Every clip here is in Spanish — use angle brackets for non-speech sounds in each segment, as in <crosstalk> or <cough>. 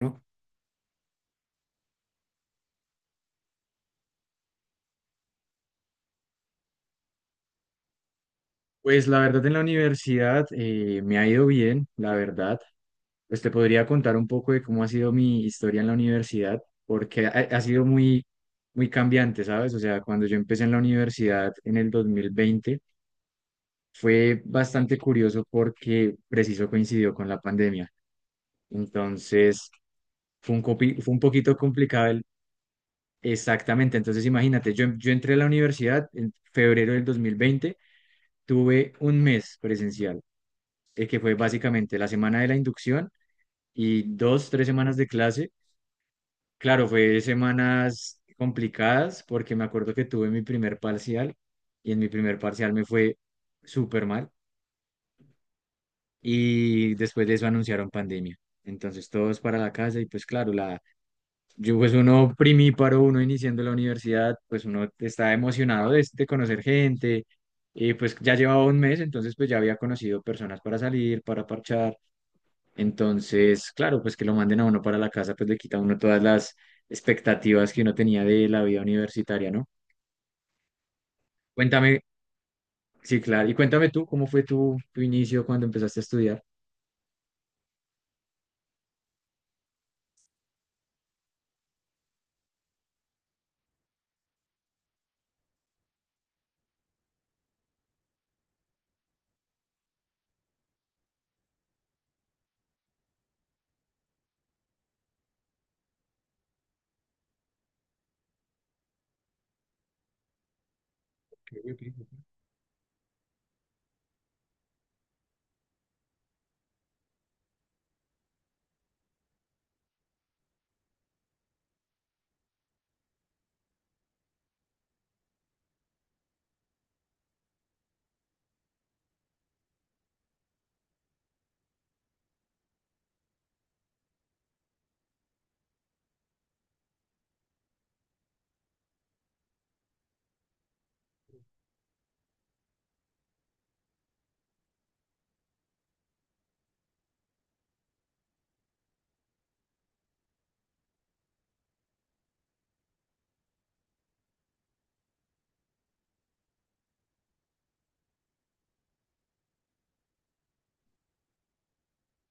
¿No? Pues la verdad en la universidad me ha ido bien, la verdad. Pues te podría contar un poco de cómo ha sido mi historia en la universidad, porque ha sido muy, muy cambiante, ¿sabes? O sea, cuando yo empecé en la universidad en el 2020 fue bastante curioso porque preciso coincidió con la pandemia. Entonces, fue un poquito complicado exactamente. Entonces, imagínate, yo entré a la universidad en febrero del 2020, tuve un mes presencial. Que fue básicamente la semana de la inducción y 2, 3 semanas de clase. Claro, fue semanas complicadas porque me acuerdo que tuve mi primer parcial y en mi primer parcial me fue súper mal y después de eso anunciaron pandemia. Entonces todos para la casa y pues claro, yo pues uno primíparo, uno iniciando la universidad, pues uno está emocionado de conocer gente y pues ya llevaba un mes, entonces pues ya había conocido personas para salir, para parchar. Entonces, claro, pues que lo manden a uno para la casa, pues le quita a uno todas las expectativas que uno tenía de la vida universitaria, ¿no? Cuéntame, sí, claro, y cuéntame tú, ¿cómo fue tu inicio cuando empezaste a estudiar? Ok, ok, ok.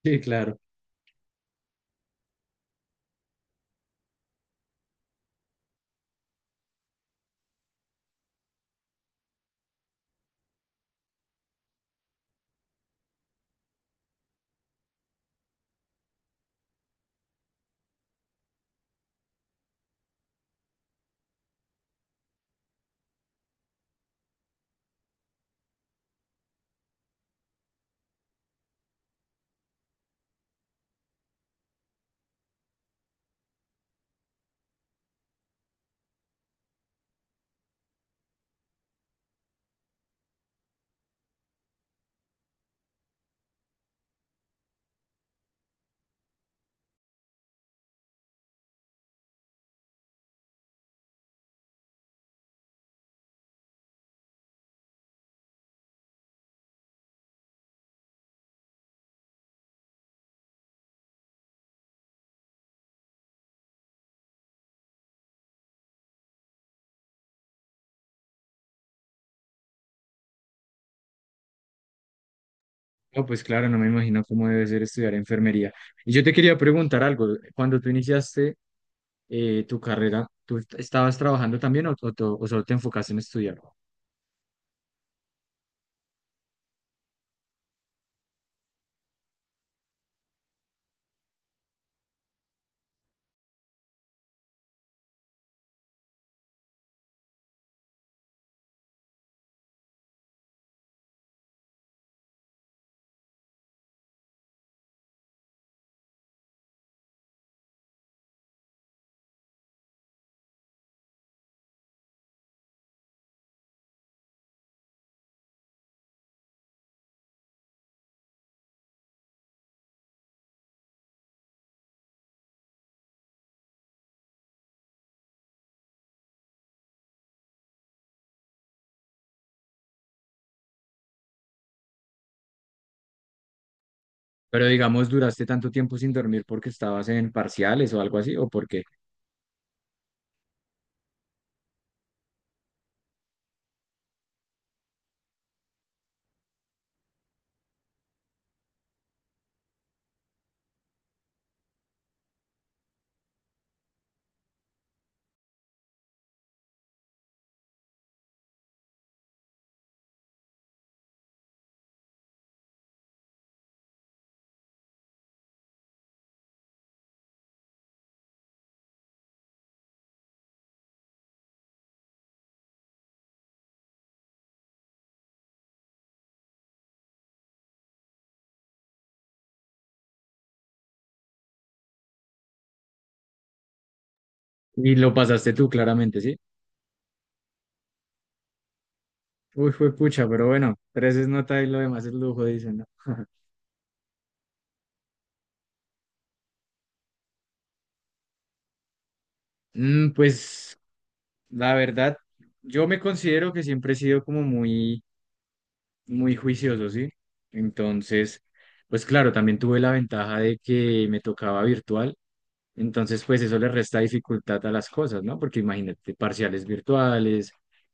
Sí, claro. No, pues claro, no me imagino cómo debe ser estudiar enfermería. Y yo te quería preguntar algo, cuando tú iniciaste tu carrera, ¿tú estabas trabajando también o, o solo te enfocaste en estudiar? Pero digamos, ¿duraste tanto tiempo sin dormir porque estabas en parciales o algo así? ¿O por qué? Y lo pasaste tú, claramente, ¿sí? Uy, fue pucha, pero bueno, tres es nota y lo demás es lujo, dicen, ¿no? Pues la verdad, yo me considero que siempre he sido como muy, muy juicioso, ¿sí? Entonces, pues claro, también tuve la ventaja de que me tocaba virtual, entonces pues eso le resta dificultad a las cosas, ¿no? Porque imagínate, parciales virtuales,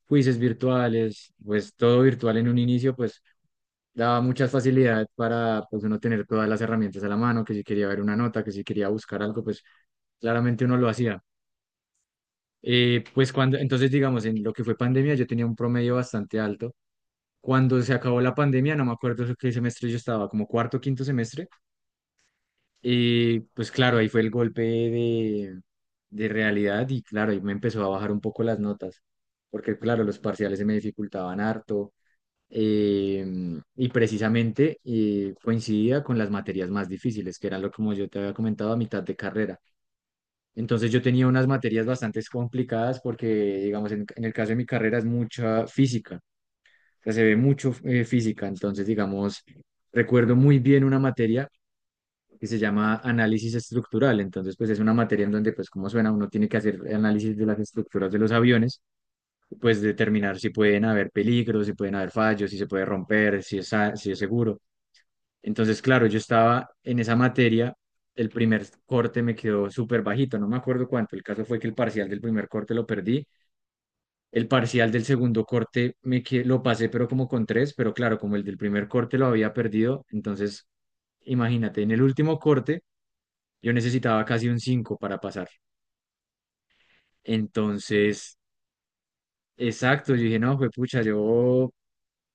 quizzes virtuales, pues todo virtual en un inicio, pues daba muchas facilidad para pues uno tener todas las herramientas a la mano, que si quería ver una nota, que si quería buscar algo, pues claramente uno lo hacía. Pues cuando, entonces digamos, en lo que fue pandemia yo tenía un promedio bastante alto. Cuando se acabó la pandemia, no me acuerdo qué semestre yo estaba, como cuarto, quinto semestre. Y pues claro, ahí fue el golpe de realidad y claro, ahí me empezó a bajar un poco las notas, porque claro, los parciales se me dificultaban harto eh, y precisamente coincidía con las materias más difíciles, que eran lo como yo te había comentado a mitad de carrera. Entonces yo tenía unas materias bastante complicadas porque, digamos, en el caso de mi carrera es mucha física, o sea, se ve mucho física, entonces, digamos, recuerdo muy bien una materia que se llama análisis estructural. Entonces, pues es una materia en donde, pues como suena, uno tiene que hacer análisis de las estructuras de los aviones, pues determinar si pueden haber peligros, si pueden haber fallos, si se puede romper, si es seguro. Entonces, claro, yo estaba en esa materia, el primer corte me quedó súper bajito, no me acuerdo cuánto. El caso fue que el parcial del primer corte lo perdí. El parcial del segundo corte lo pasé, pero como con tres, pero claro, como el del primer corte lo había perdido, entonces imagínate, en el último corte yo necesitaba casi un 5 para pasar. Entonces, exacto, yo dije, no, pues pucha, yo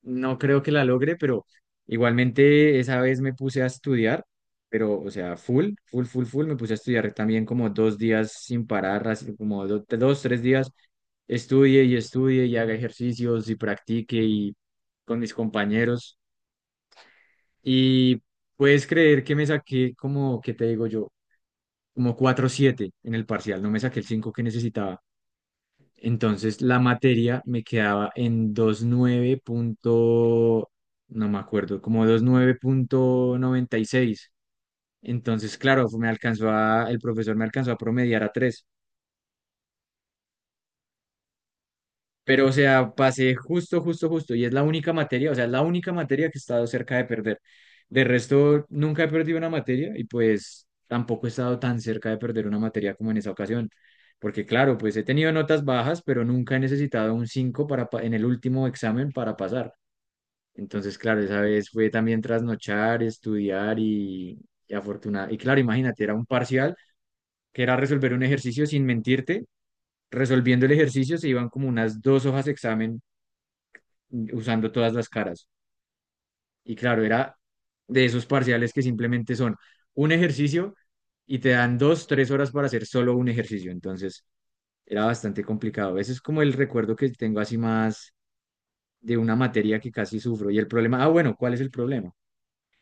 no creo que la logre, pero igualmente esa vez me puse a estudiar, pero, o sea, full, full, full, full, me puse a estudiar también como 2 días sin parar, así como dos, tres días, estudie y estudie y haga ejercicios y practique y con mis compañeros. Y puedes creer que me saqué como, ¿qué te digo yo? Como 4,7 en el parcial, no me saqué el 5 que necesitaba. Entonces la materia me quedaba en 29 punto, no me acuerdo, como 29,96. Entonces, claro, el profesor me alcanzó a promediar a tres. Pero, o sea, pasé justo, justo, justo. Y es la única materia, o sea, es la única materia que he estado cerca de perder. De resto, nunca he perdido una materia y pues tampoco he estado tan cerca de perder una materia como en esa ocasión. Porque claro, pues he tenido notas bajas, pero nunca he necesitado un 5 en el último examen para pasar. Entonces, claro, esa vez fue también trasnochar, estudiar y, y claro, imagínate, era un parcial que era resolver un ejercicio sin mentirte, resolviendo el ejercicio se iban como unas 2 hojas de examen usando todas las caras. Y claro, era de esos parciales que simplemente son un ejercicio y te dan 2, 3 horas para hacer solo un ejercicio. Entonces era bastante complicado. Ese es como el recuerdo que tengo así más de una materia que casi sufro. Y el problema, ah, bueno, ¿cuál es el problema?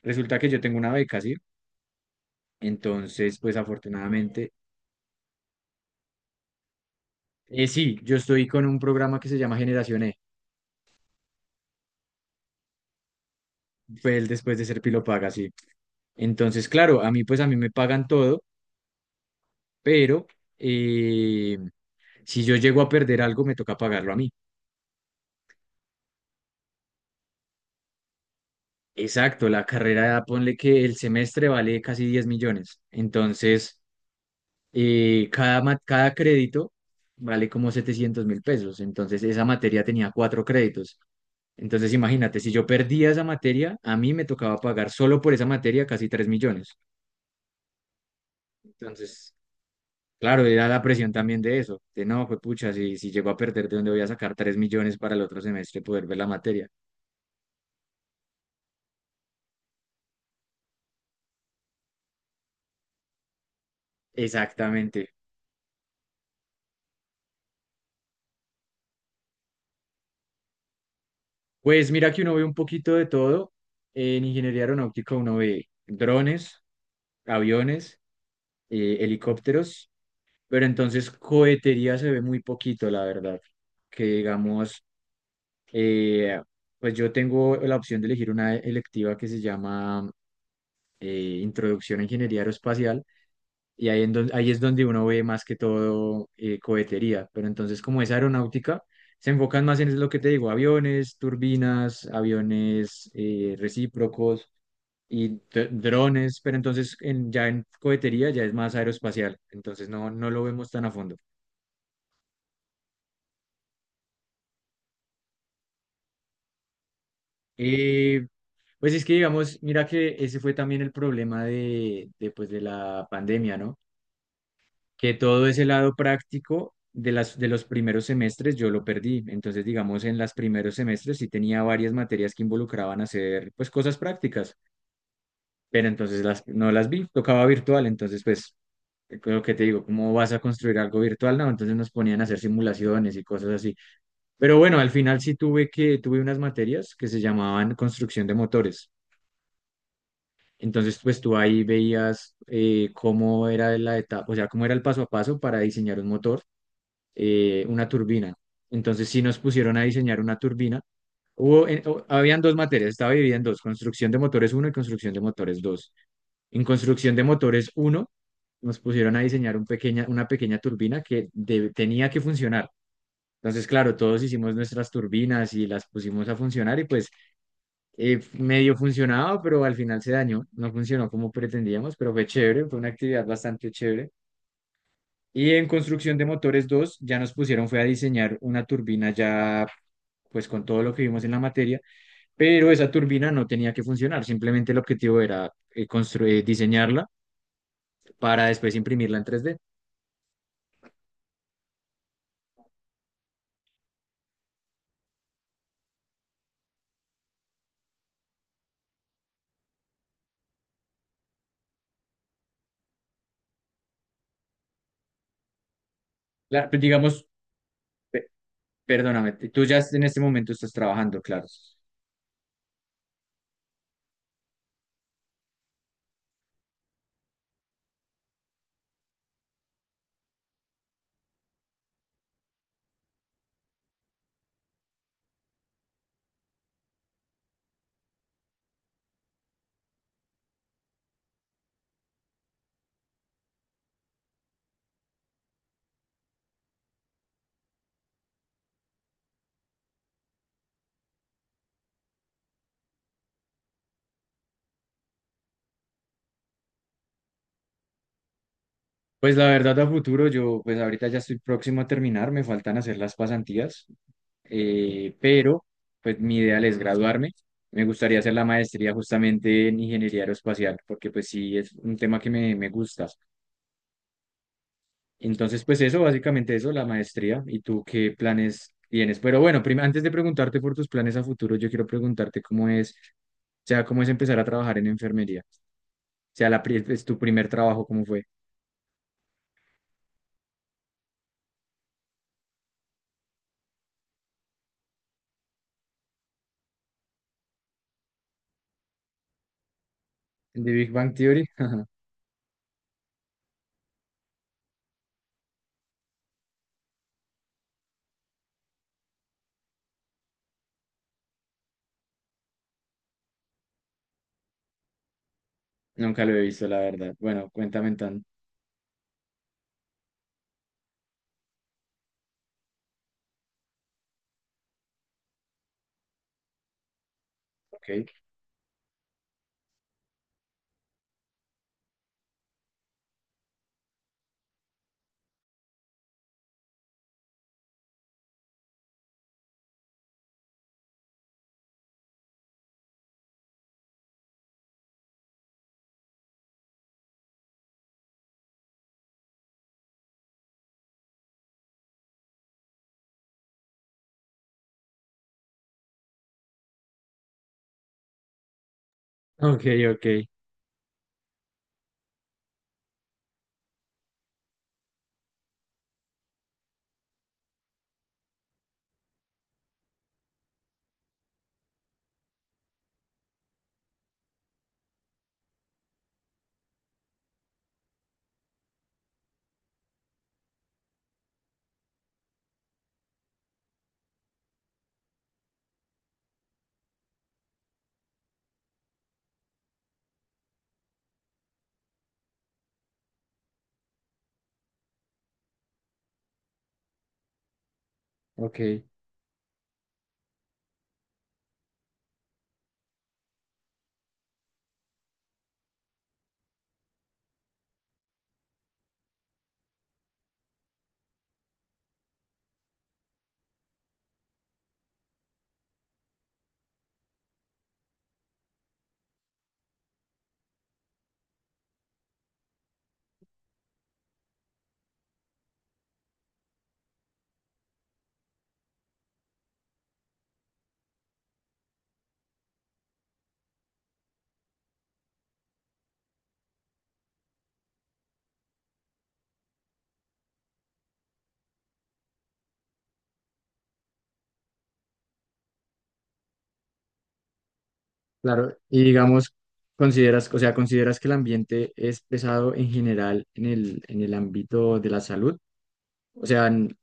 Resulta que yo tengo una beca, ¿sí? Entonces, pues afortunadamente, sí, yo estoy con un programa que se llama Generación E. Fue el después de ser Pilo Paga, sí. Entonces, claro, a mí pues a mí me pagan todo, pero eh, Si yo llego a perder algo, me toca pagarlo a mí. Exacto, la carrera, ponle que el semestre vale casi 10 millones. Entonces, cada crédito vale como 700.000 pesos. Entonces, esa materia tenía 4 créditos. Entonces, imagínate, si yo perdía esa materia, a mí me tocaba pagar solo por esa materia casi 3 millones. Entonces, claro, era la presión también de eso. De no, pues pucha, si llego a perder, ¿de dónde voy a sacar 3 millones para el otro semestre poder ver la materia? Exactamente. Pues mira que uno ve un poquito de todo. En ingeniería aeronáutica uno ve drones, aviones, helicópteros, pero entonces cohetería se ve muy poquito, la verdad. Que digamos, eh, pues yo tengo la opción de elegir una electiva que se llama Introducción a Ingeniería Aeroespacial. Y ahí, ahí es donde uno ve más que todo cohetería. Pero entonces, como es aeronáutica, se enfocan más en lo que te digo, aviones, turbinas, aviones recíprocos y drones. Pero entonces, ya en cohetería ya es más aeroespacial. Entonces, no, no lo vemos tan a fondo. Eh, pues es que, digamos, mira que ese fue también el problema de la pandemia, ¿no? Que todo ese lado práctico de de los primeros semestres yo lo perdí. Entonces, digamos, en los primeros semestres sí tenía varias materias que involucraban hacer, pues, cosas prácticas, pero entonces no las vi, tocaba virtual, entonces, pues, lo que te digo, ¿cómo vas a construir algo virtual? No, entonces nos ponían a hacer simulaciones y cosas así. Pero bueno, al final sí tuve unas materias que se llamaban construcción de motores. Entonces, pues tú ahí veías cómo era la etapa, o sea, cómo era el paso a paso para diseñar un motor, una turbina. Entonces sí nos pusieron a diseñar una turbina. Habían dos materias, estaba dividida en dos, construcción de motores uno y construcción de motores dos. En construcción de motores uno nos pusieron a diseñar una pequeña turbina tenía que funcionar. Entonces, claro, todos hicimos nuestras turbinas y las pusimos a funcionar y pues medio funcionaba, pero al final se dañó, no funcionó como pretendíamos, pero fue chévere, fue una actividad bastante chévere. Y en construcción de motores dos ya nos pusieron fue a diseñar una turbina ya pues con todo lo que vimos en la materia, pero esa turbina no tenía que funcionar, simplemente el objetivo era construir, diseñarla para después imprimirla en 3D. Pues, digamos, pe- perdóname, tú ya en este momento estás trabajando, claro. Pues la verdad a futuro, yo pues ahorita ya estoy próximo a terminar, me faltan hacer las pasantías, pero pues mi ideal es graduarme. Me gustaría hacer la maestría justamente en ingeniería aeroespacial, porque pues sí es un tema que me gusta. Entonces, pues eso, básicamente eso, la maestría. ¿Y tú qué planes tienes? Pero bueno, antes de preguntarte por tus planes a futuro, yo quiero preguntarte cómo es, o sea, cómo es empezar a trabajar en enfermería. O sea, es tu primer trabajo, ¿cómo fue? ¿De Big Bang Theory? <laughs> Nunca lo he visto, la verdad. Bueno, cuéntame tan. Ok. Ok, ok, ok. Claro, y digamos, consideras, o sea, ¿consideras que el ambiente es pesado en general en en el ámbito de la salud? O sea,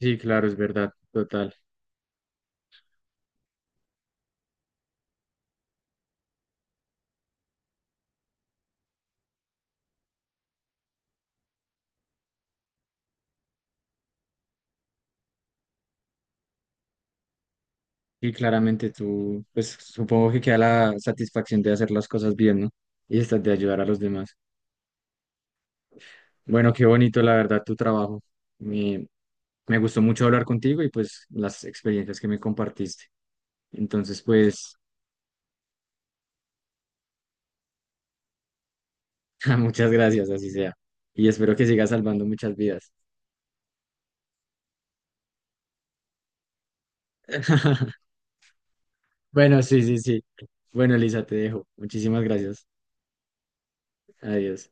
sí, claro, es verdad, total. Y claramente tú, pues supongo que queda la satisfacción de hacer las cosas bien, ¿no? Y esta de ayudar a los demás. Bueno, qué bonito, la verdad, tu trabajo. Me, me gustó mucho hablar contigo y pues las experiencias que me compartiste. Entonces, pues, <laughs> muchas gracias, así sea. Y espero que sigas salvando muchas vidas. <laughs> Bueno, sí, sí, sí. Bueno, Elisa, te dejo. Muchísimas gracias. Adiós.